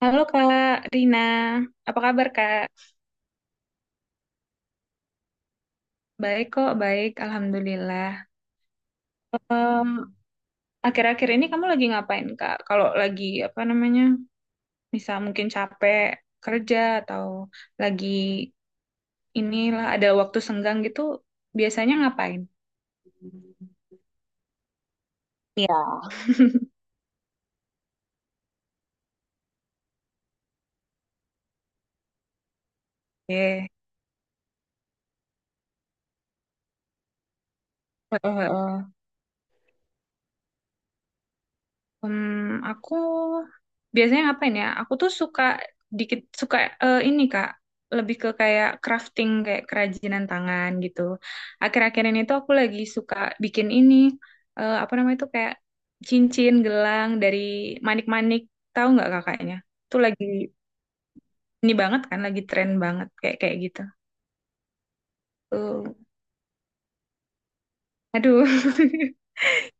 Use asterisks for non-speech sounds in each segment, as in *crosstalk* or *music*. Halo Kak Rina, apa kabar Kak? Baik kok, baik, Alhamdulillah. Em, Akhir-akhir ini kamu lagi ngapain Kak? Kalau lagi apa namanya, misal mungkin capek kerja atau lagi inilah ada waktu senggang gitu, biasanya ngapain? Iya. Eh, heeh, heeh. Aku biasanya ngapain ya? Aku tuh suka dikit suka ini Kak, lebih ke kayak crafting kayak kerajinan tangan gitu. Akhir-akhir ini tuh aku lagi suka bikin ini apa namanya tuh kayak cincin gelang dari manik-manik. Tahu nggak kakaknya? Tuh lagi ini banget kan, lagi tren banget kayak kayak gitu. Tuh. Aduh. *laughs*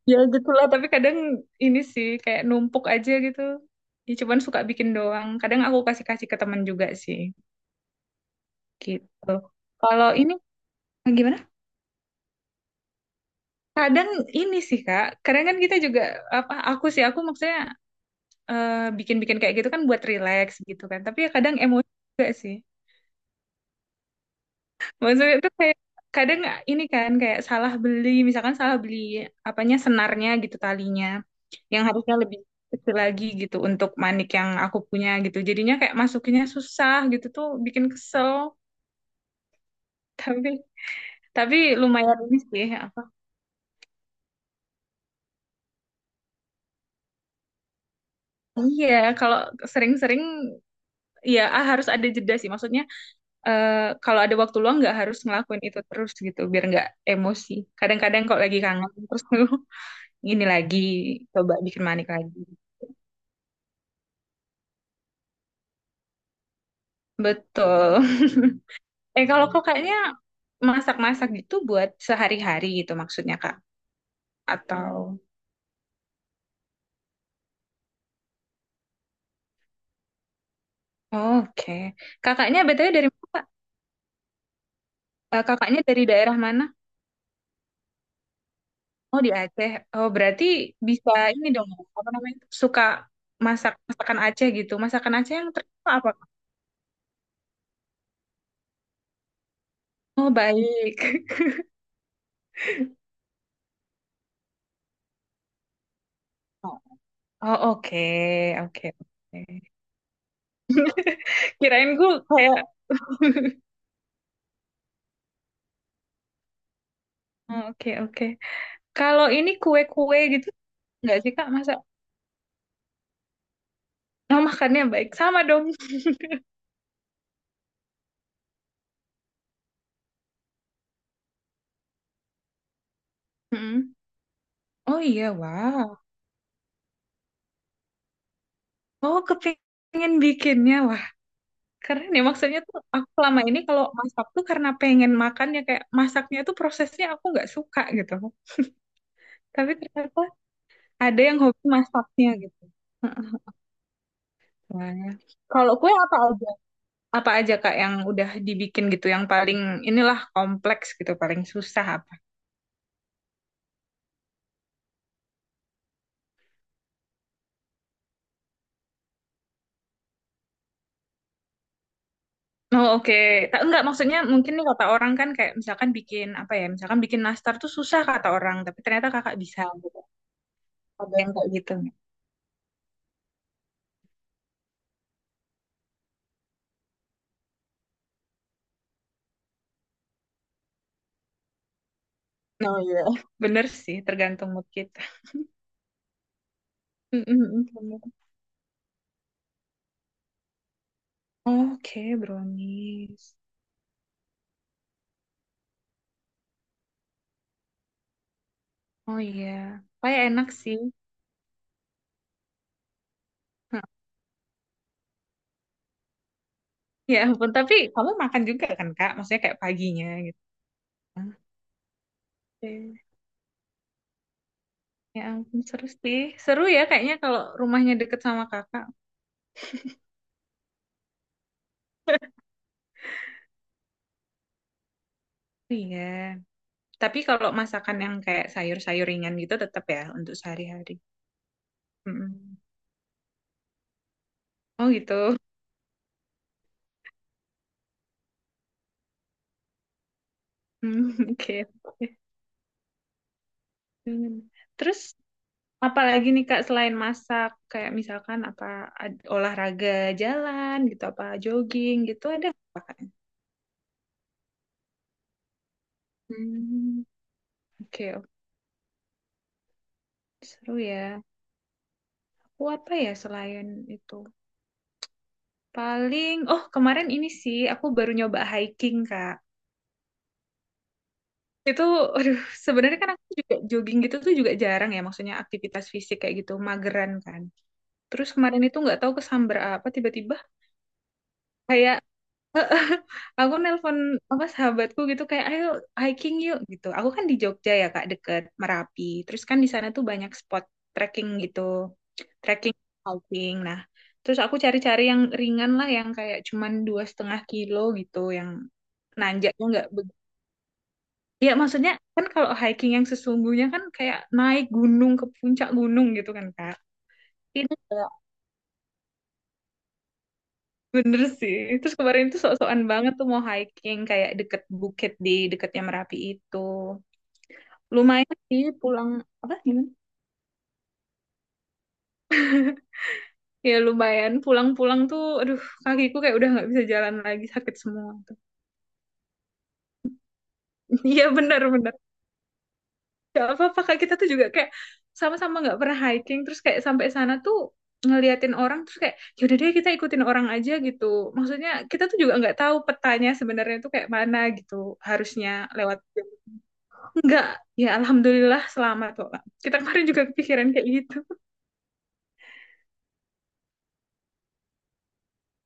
Ya gitulah, tapi kadang ini sih kayak numpuk aja gitu. Ya cuman suka bikin doang. Kadang aku kasih-kasih ke teman juga sih gitu. Kalau ini gimana? Kadang ini sih Kak, kadang kan kita juga apa aku sih aku maksudnya eh, bikin-bikin kayak gitu kan buat relax gitu kan. Tapi ya kadang emosi juga sih. Maksudnya itu kayak kadang ini kan kayak salah beli, misalkan salah beli apanya senarnya gitu talinya, yang harusnya lebih kecil lagi gitu untuk manik yang aku punya gitu. Jadinya kayak masukinnya susah gitu tuh bikin kesel. *laughs* Tapi tapi lumayan ini sih. Iya, kalau sering-sering ya ah, harus ada jeda sih. Maksudnya eh, kalau ada waktu luang nggak harus ngelakuin itu terus gitu, biar nggak emosi. Kadang-kadang kalau lagi kangen terus *laughs* ini lagi coba bikin manik lagi. Betul. *laughs* Kalau kok kayaknya masak-masak gitu buat sehari-hari gitu maksudnya, Kak. Atau oke. Kakaknya BTW dari mana, Kak? Kakaknya dari daerah mana? Oh, di Aceh. Oh, berarti bisa ini dong, apa namanya? Suka masak masakan Aceh gitu. Masakan Aceh yang terkenal apa, Kak? Oh, baik. *laughs* Oh, oh, oke. Oke, oke. *laughs* Kirain gue kayak *laughs* Oh, oke, oke. Kalau ini kue-kue gitu, nggak sih, Kak? Masa oh, makannya baik. Sama dong. Mm-mm. Oh iya, wow. Oh, kepingin bikinnya. Wah, keren ya. Maksudnya tuh aku selama ini kalau masak tuh karena pengen makan ya kayak masaknya tuh prosesnya aku nggak suka gitu. Tapi ternyata ada yang hobi masaknya gitu. Mm-mm. Wah. Kalau kue apa aja? Apa aja Kak yang udah dibikin gitu yang paling inilah kompleks gitu, paling susah apa? Oh oke, enggak maksudnya mungkin nih kata orang kan kayak misalkan bikin apa ya, misalkan bikin nastar tuh susah kata orang, tapi ternyata kakak bisa gitu. Ada yang kayak gitu, nggak? Oh iya. Bener sih, tergantung mood kita. Mm-mm, bener. Oke, brownies. Oh iya, kayak enak sih. *laughs* Hah. Ya ampun, tapi kamu makan juga kan kak? Maksudnya kayak paginya gitu. Oke. Ya ampun, seru sih. Seru ya kayaknya kalau rumahnya deket sama kakak. Iya. Tapi kalau masakan yang kayak sayur-sayur ringan gitu tetap ya untuk sehari-hari. Mm-mm. Oh gitu. Hmm, *laughs* oke. Oke. Hmm. Terus apalagi nih Kak selain masak kayak misalkan apa olahraga jalan gitu apa jogging gitu ada apa Kak? Hmm, oke, oke. Seru ya. Aku apa ya selain itu? Paling oh kemarin ini sih aku baru nyoba hiking Kak. Itu, *laughs* aduh, sebenarnya kan aku juga jogging gitu tuh juga jarang ya, maksudnya aktivitas fisik kayak gitu, mageran kan. Terus kemarin itu nggak tahu kesamber apa tiba-tiba kayak *laughs* aku nelpon apa sahabatku gitu kayak ayo hiking yuk gitu. Aku kan di Jogja ya Kak deket Merapi. Terus kan di sana tuh banyak spot trekking gitu. Trekking hiking. Nah, terus aku cari-cari yang ringan lah yang kayak cuman 2,5 kilo gitu yang nanjaknya nggak Iya, maksudnya kan kalau hiking yang sesungguhnya kan kayak naik gunung ke puncak gunung gitu kan, Kak. Ini kayak, bener sih. Terus kemarin tuh sok-sokan banget tuh mau hiking kayak deket bukit di deketnya Merapi itu. Lumayan sih pulang apa gimana? Ya lumayan pulang-pulang tuh aduh kakiku kayak udah nggak bisa jalan lagi sakit semua, tuh *laughs* iya bener bener. Gak apa-apa kak, kita tuh juga kayak sama-sama nggak pernah hiking terus kayak sampai sana tuh ngeliatin orang terus kayak yaudah deh kita ikutin orang aja gitu. Maksudnya kita tuh juga nggak tahu petanya sebenarnya tuh kayak mana gitu harusnya lewat. Nggak, ya alhamdulillah selamat kok kak. Kita kemarin juga kepikiran kayak gitu.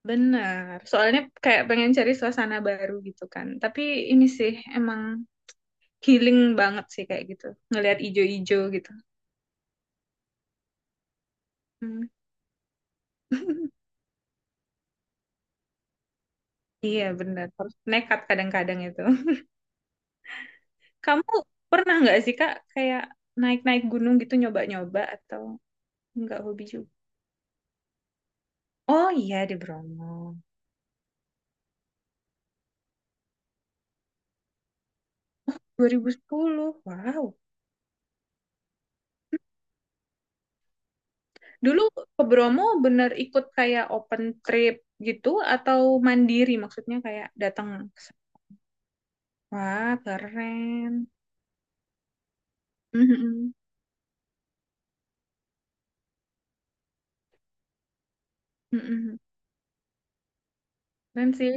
Benar, soalnya kayak pengen cari suasana baru gitu kan. Tapi ini sih emang healing banget sih kayak gitu. Ngelihat ijo-ijo gitu. Hmm. *laughs* Iya benar, harus nekat kadang-kadang itu. Kamu pernah nggak sih Kak kayak naik-naik gunung gitu nyoba-nyoba atau nggak hobi juga? Oh iya di Bromo. 2010. Wow. Dulu ke Bromo bener ikut kayak open trip gitu atau mandiri maksudnya kayak datang ke sana. Wah, keren. Mhm. Mhm. Keren sih.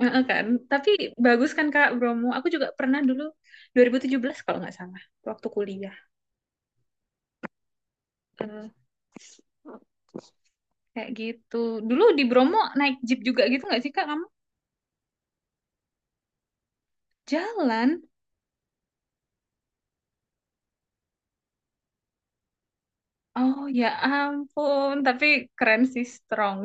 Heeh kan. Tapi bagus kan Kak Bromo. Aku juga pernah dulu 2017 kalau nggak salah waktu kuliah. Kayak gitu. Dulu di Bromo naik jeep juga gitu nggak sih Kak kamu? Jalan. Oh ya ampun, tapi keren sih strong.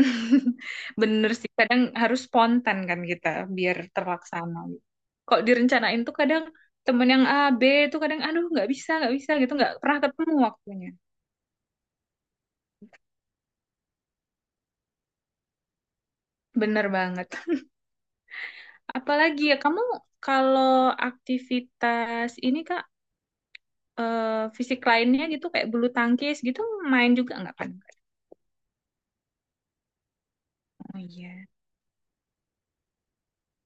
*laughs* Bener sih, kadang harus spontan kan kita biar terlaksana. Kok direncanain tuh kadang temen yang A, B tuh kadang aduh nggak bisa gitu, nggak pernah ketemu waktunya. Bener banget. *laughs* Apalagi ya kamu kalau aktivitas ini Kak, fisik lainnya gitu kayak bulu tangkis gitu main juga nggak kan? Oh iya.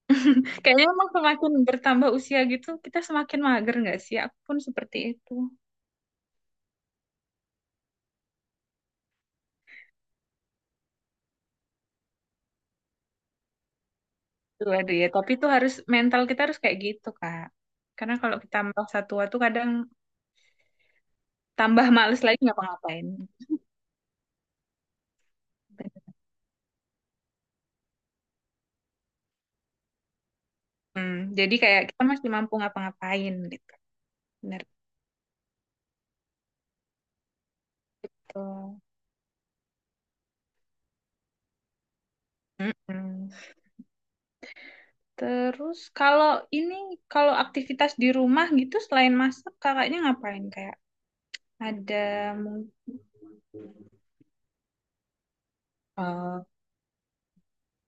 *laughs* Kayaknya emang semakin bertambah usia gitu, kita semakin mager nggak sih? Aku pun seperti itu. Tuh, aduh ya, tapi itu harus mental kita harus kayak gitu, Kak. Karena kalau kita merasa tua tuh kadang tambah males lagi ngapa-ngapain. Hmm, jadi kayak kita masih mampu ngapa-ngapain gitu. Bener gitu. Mm-mm. Terus kalau ini, kalau aktivitas di rumah gitu selain masak, kakaknya ngapain? Kayak ada mungkin. Oh,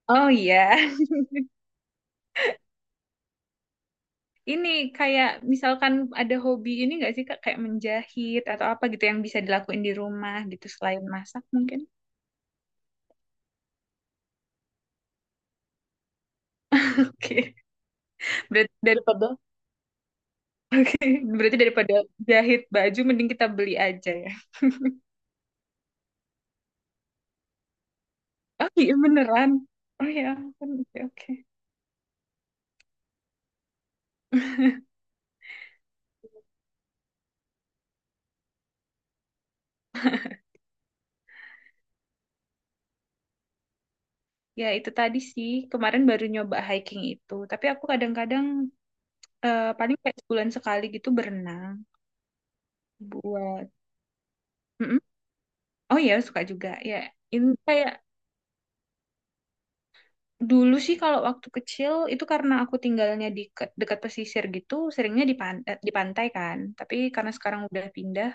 oh iya. Ini kayak misalkan ada hobi ini nggak sih Kak kayak menjahit atau apa gitu yang bisa dilakuin di rumah gitu selain masak mungkin. *laughs* Oke. Berarti daripada *laughs* berarti daripada jahit baju mending kita beli aja ya. Oh iya beneran. Oh ya, ampun, oke oke. Ya itu tadi sih kemarin baru nyoba hiking itu, tapi aku kadang-kadang paling kayak 1 bulan sekali gitu berenang buat. Mm-mm. Oh ya suka juga ya. Ini kayak dulu sih kalau waktu kecil itu karena aku tinggalnya di dekat pesisir gitu, seringnya di di pantai kan. Tapi karena sekarang udah pindah,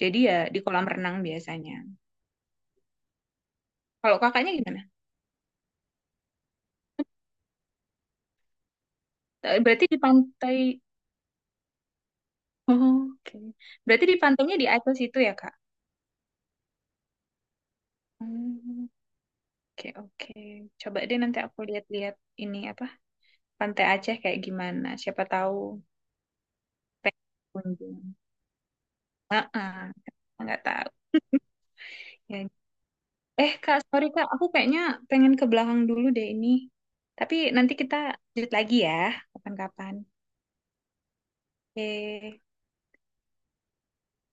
jadi ya di kolam renang biasanya. Kalau kakaknya gimana? Eh, berarti di pantai. Oh, oke. Berarti di pantainya di atas itu ya, Kak? Hmm, oke, oke. Coba deh nanti aku lihat-lihat ini apa? Pantai Aceh kayak gimana? Siapa tahu pengen kunjung. Heeh, nggak tahu. Ya, eh Kak, sorry Kak, aku kayaknya pengen ke belakang dulu deh ini. Tapi nanti kita lanjut lagi ya, kapan-kapan. Oke,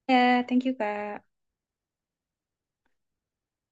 ya, thank you Kak.